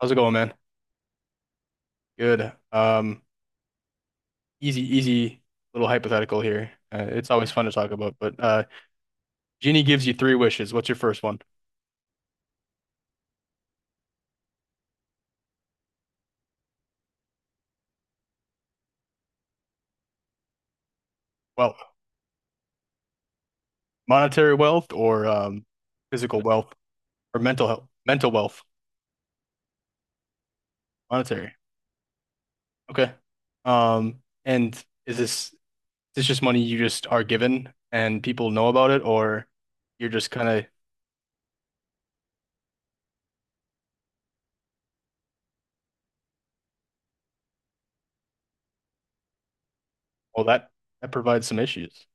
How's it going, man? Good. Easy, little hypothetical here. It's always fun to talk about, but Genie gives you three wishes. What's your first one? Well, monetary wealth, or physical wealth, or mental wealth, monetary. Okay. Um, and is this just money you just are given and people know about it, or you're just kind of, well, that provides some issues?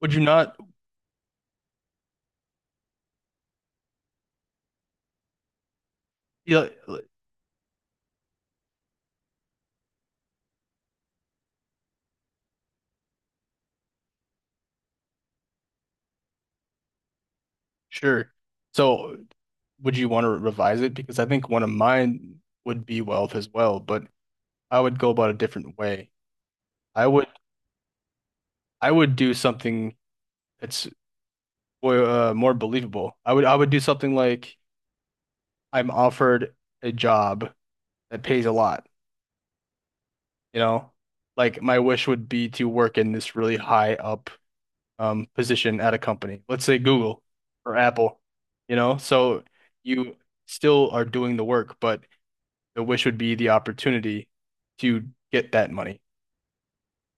Would you not? Yeah. Sure. So, would you want to revise it? Because I think one of mine would be wealth as well, but I would go about a different way. I would I would do something that's, well, more believable. I would do something like I'm offered a job that pays a lot, you know? Like my wish would be to work in this really high up position at a company. Let's say Google or Apple, you know? So you still are doing the work, but the wish would be the opportunity to get that money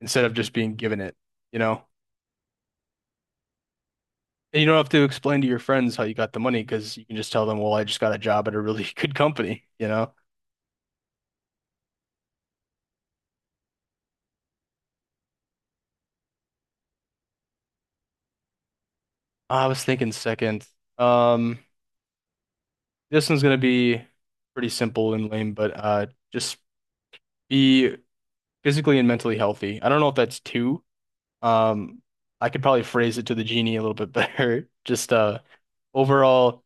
instead of just being given it, you know? And you don't have to explain to your friends how you got the money, because you can just tell them, well, I just got a job at a really good company, you know? Ah, I was thinking second. Um, this one's gonna be pretty simple and lame, but just be physically and mentally healthy. I don't know if that's two. Um, I could probably phrase it to the genie a little bit better. Just overall,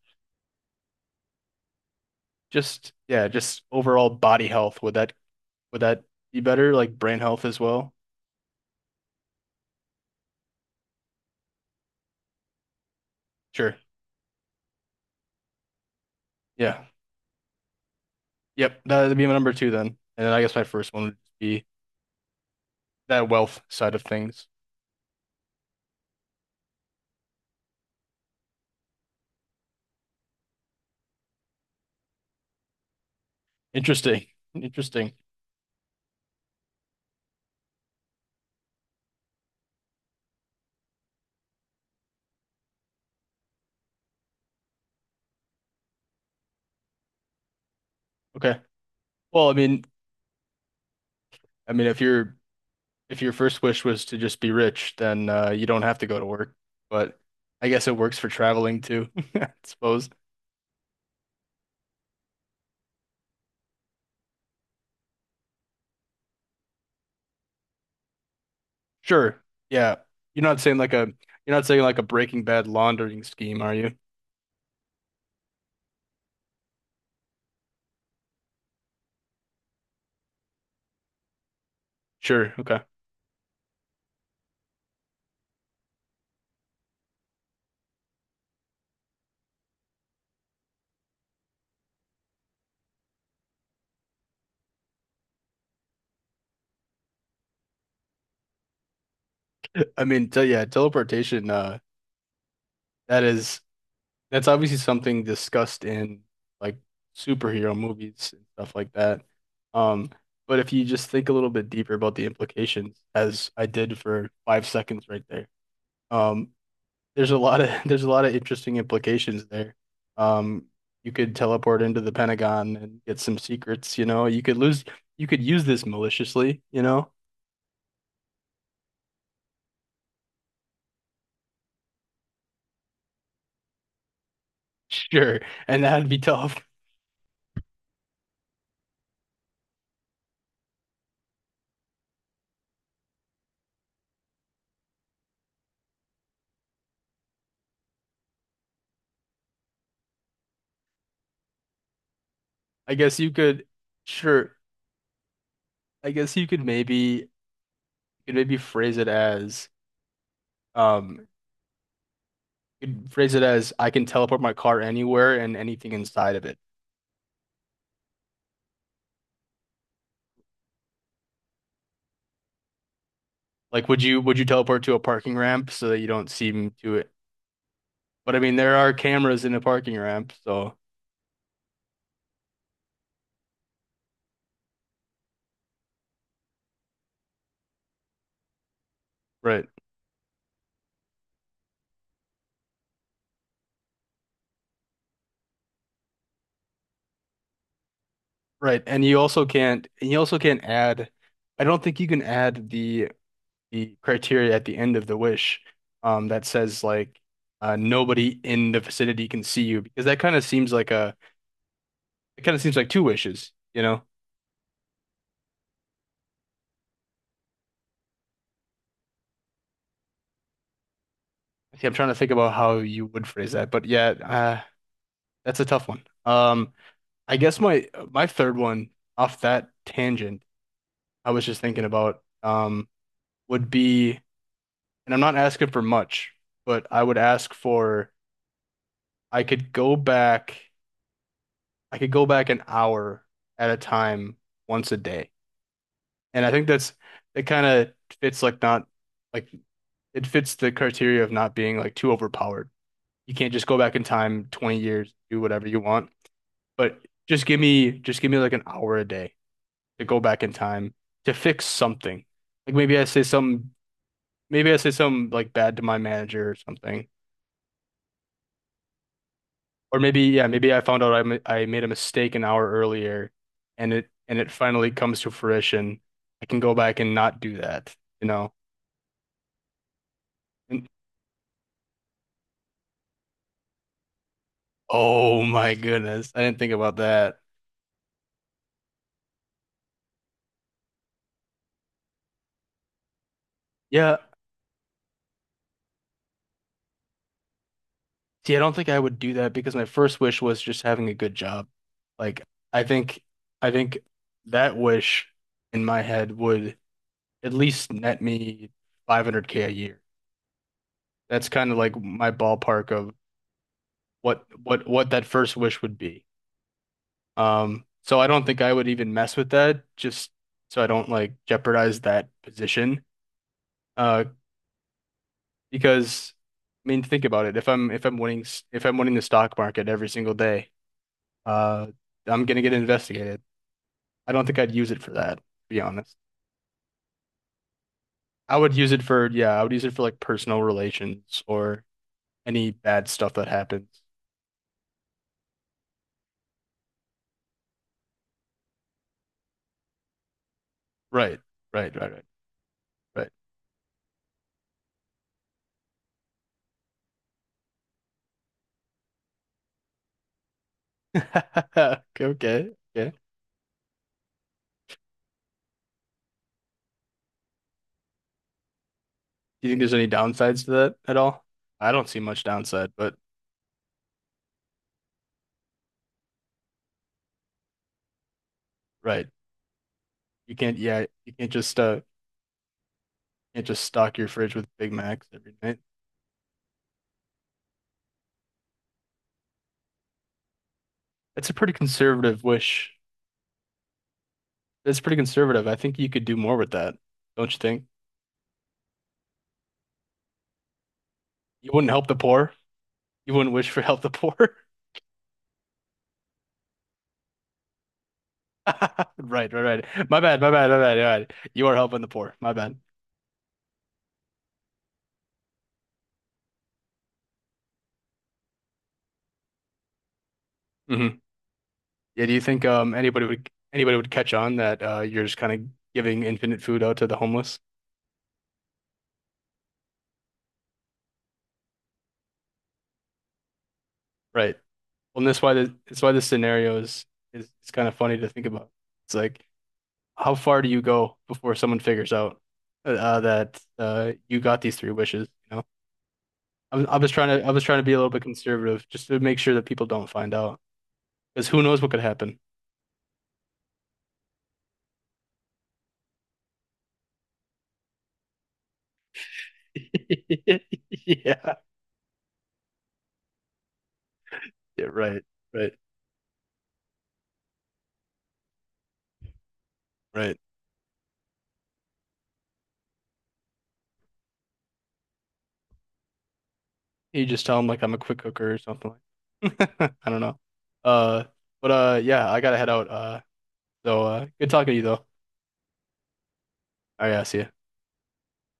just, yeah, just overall body health. Would that be better? Like brain health as well? Sure. Yeah. Yep. That'd be my number two then. And then I guess my first one would be that wealth side of things. Interesting. Interesting. Okay. Well, I mean, if your first wish was to just be rich, then you don't have to go to work. But I guess it works for traveling too, I suppose. Sure. Yeah. You're not saying like a you're not saying like a Breaking Bad laundering scheme, are you? Sure. Okay. I mean, te yeah, teleportation, that is That's obviously something discussed in, like, superhero movies and stuff like that. Um, but if you just think a little bit deeper about the implications, as I did for 5 seconds right there, um, there's a lot of there's a lot of interesting implications there. Um, you could teleport into the Pentagon and get some secrets, you know. You could use this maliciously, you know. Sure, and that'd be tough. I guess you could, sure. I guess you could maybe phrase it as Um, you'd phrase it as I can teleport my car anywhere and anything inside of it. Like, would you teleport to a parking ramp so that you don't seem to it? But I mean, there are cameras in a parking ramp, so right, right. And you also can't add. I don't think you can add the criteria at the end of the wish, that says like, nobody in the vicinity can see you, because that kind of seems like a it kind of seems like two wishes, you know. See, I'm trying to think about how you would phrase that, but yeah. That's a tough one. I guess my third one, off that tangent I was just thinking about, would be, and I'm not asking for much, but I would ask for I could go back I could go back an hour at a time once a day. And I think that's it kind of fits, like, not like it fits the criteria of not being, like, too overpowered. You can't just go back in time 20 years, do whatever you want, but just give me like an hour a day to go back in time to fix something. Like, maybe I say something, like, bad to my manager or something, or maybe, yeah, maybe I found out I made a mistake an hour earlier, and it finally comes to fruition. I can go back and not do that, you know. And, oh my goodness, I didn't think about that. Yeah, see, I don't think I would do that, because my first wish was just having a good job. Like, I think I think that wish, in my head, would at least net me 500K a year. That's kind of like my ballpark of what that first wish would be. So I don't think I would even mess with that, just so I don't, like, jeopardize that position. Uh, because, I mean, think about it. If I'm winning s- if I'm winning the stock market every single day, uh, I'm gonna get investigated. I don't think I'd use it for that, to be honest. I would use it for, yeah, I would use it for, like, personal relations or any bad stuff that happens. Right, right, right, right, right. Okay, okay, okay. Do you think there's any downsides to that at all? I don't see much downside, but right, you can't. Yeah, you can't just, can't just stock your fridge with Big Macs every night. That's a pretty conservative wish. That's pretty conservative. I think you could do more with that, don't you think? You wouldn't help the poor. You wouldn't wish for help the poor. Right, right, right. My bad, my bad, my bad, my bad. You are helping the poor. My bad. Mhm. Yeah, do you think, anybody would catch on that, you're just kind of giving infinite food out to the homeless? Right. Well, and that's why this scenario is it's kind of funny to think about. It's like, how far do you go before someone figures out, that you got these three wishes, you know? I was trying to be a little bit conservative, just to make sure that people don't find out, because who knows what could happen. Yeah. Yeah, right. Right. Right. You just tell them, like, I'm a quick cooker or something like. I don't know. Uh, but yeah, I gotta head out. So good talking to you though. All right, I'll see you.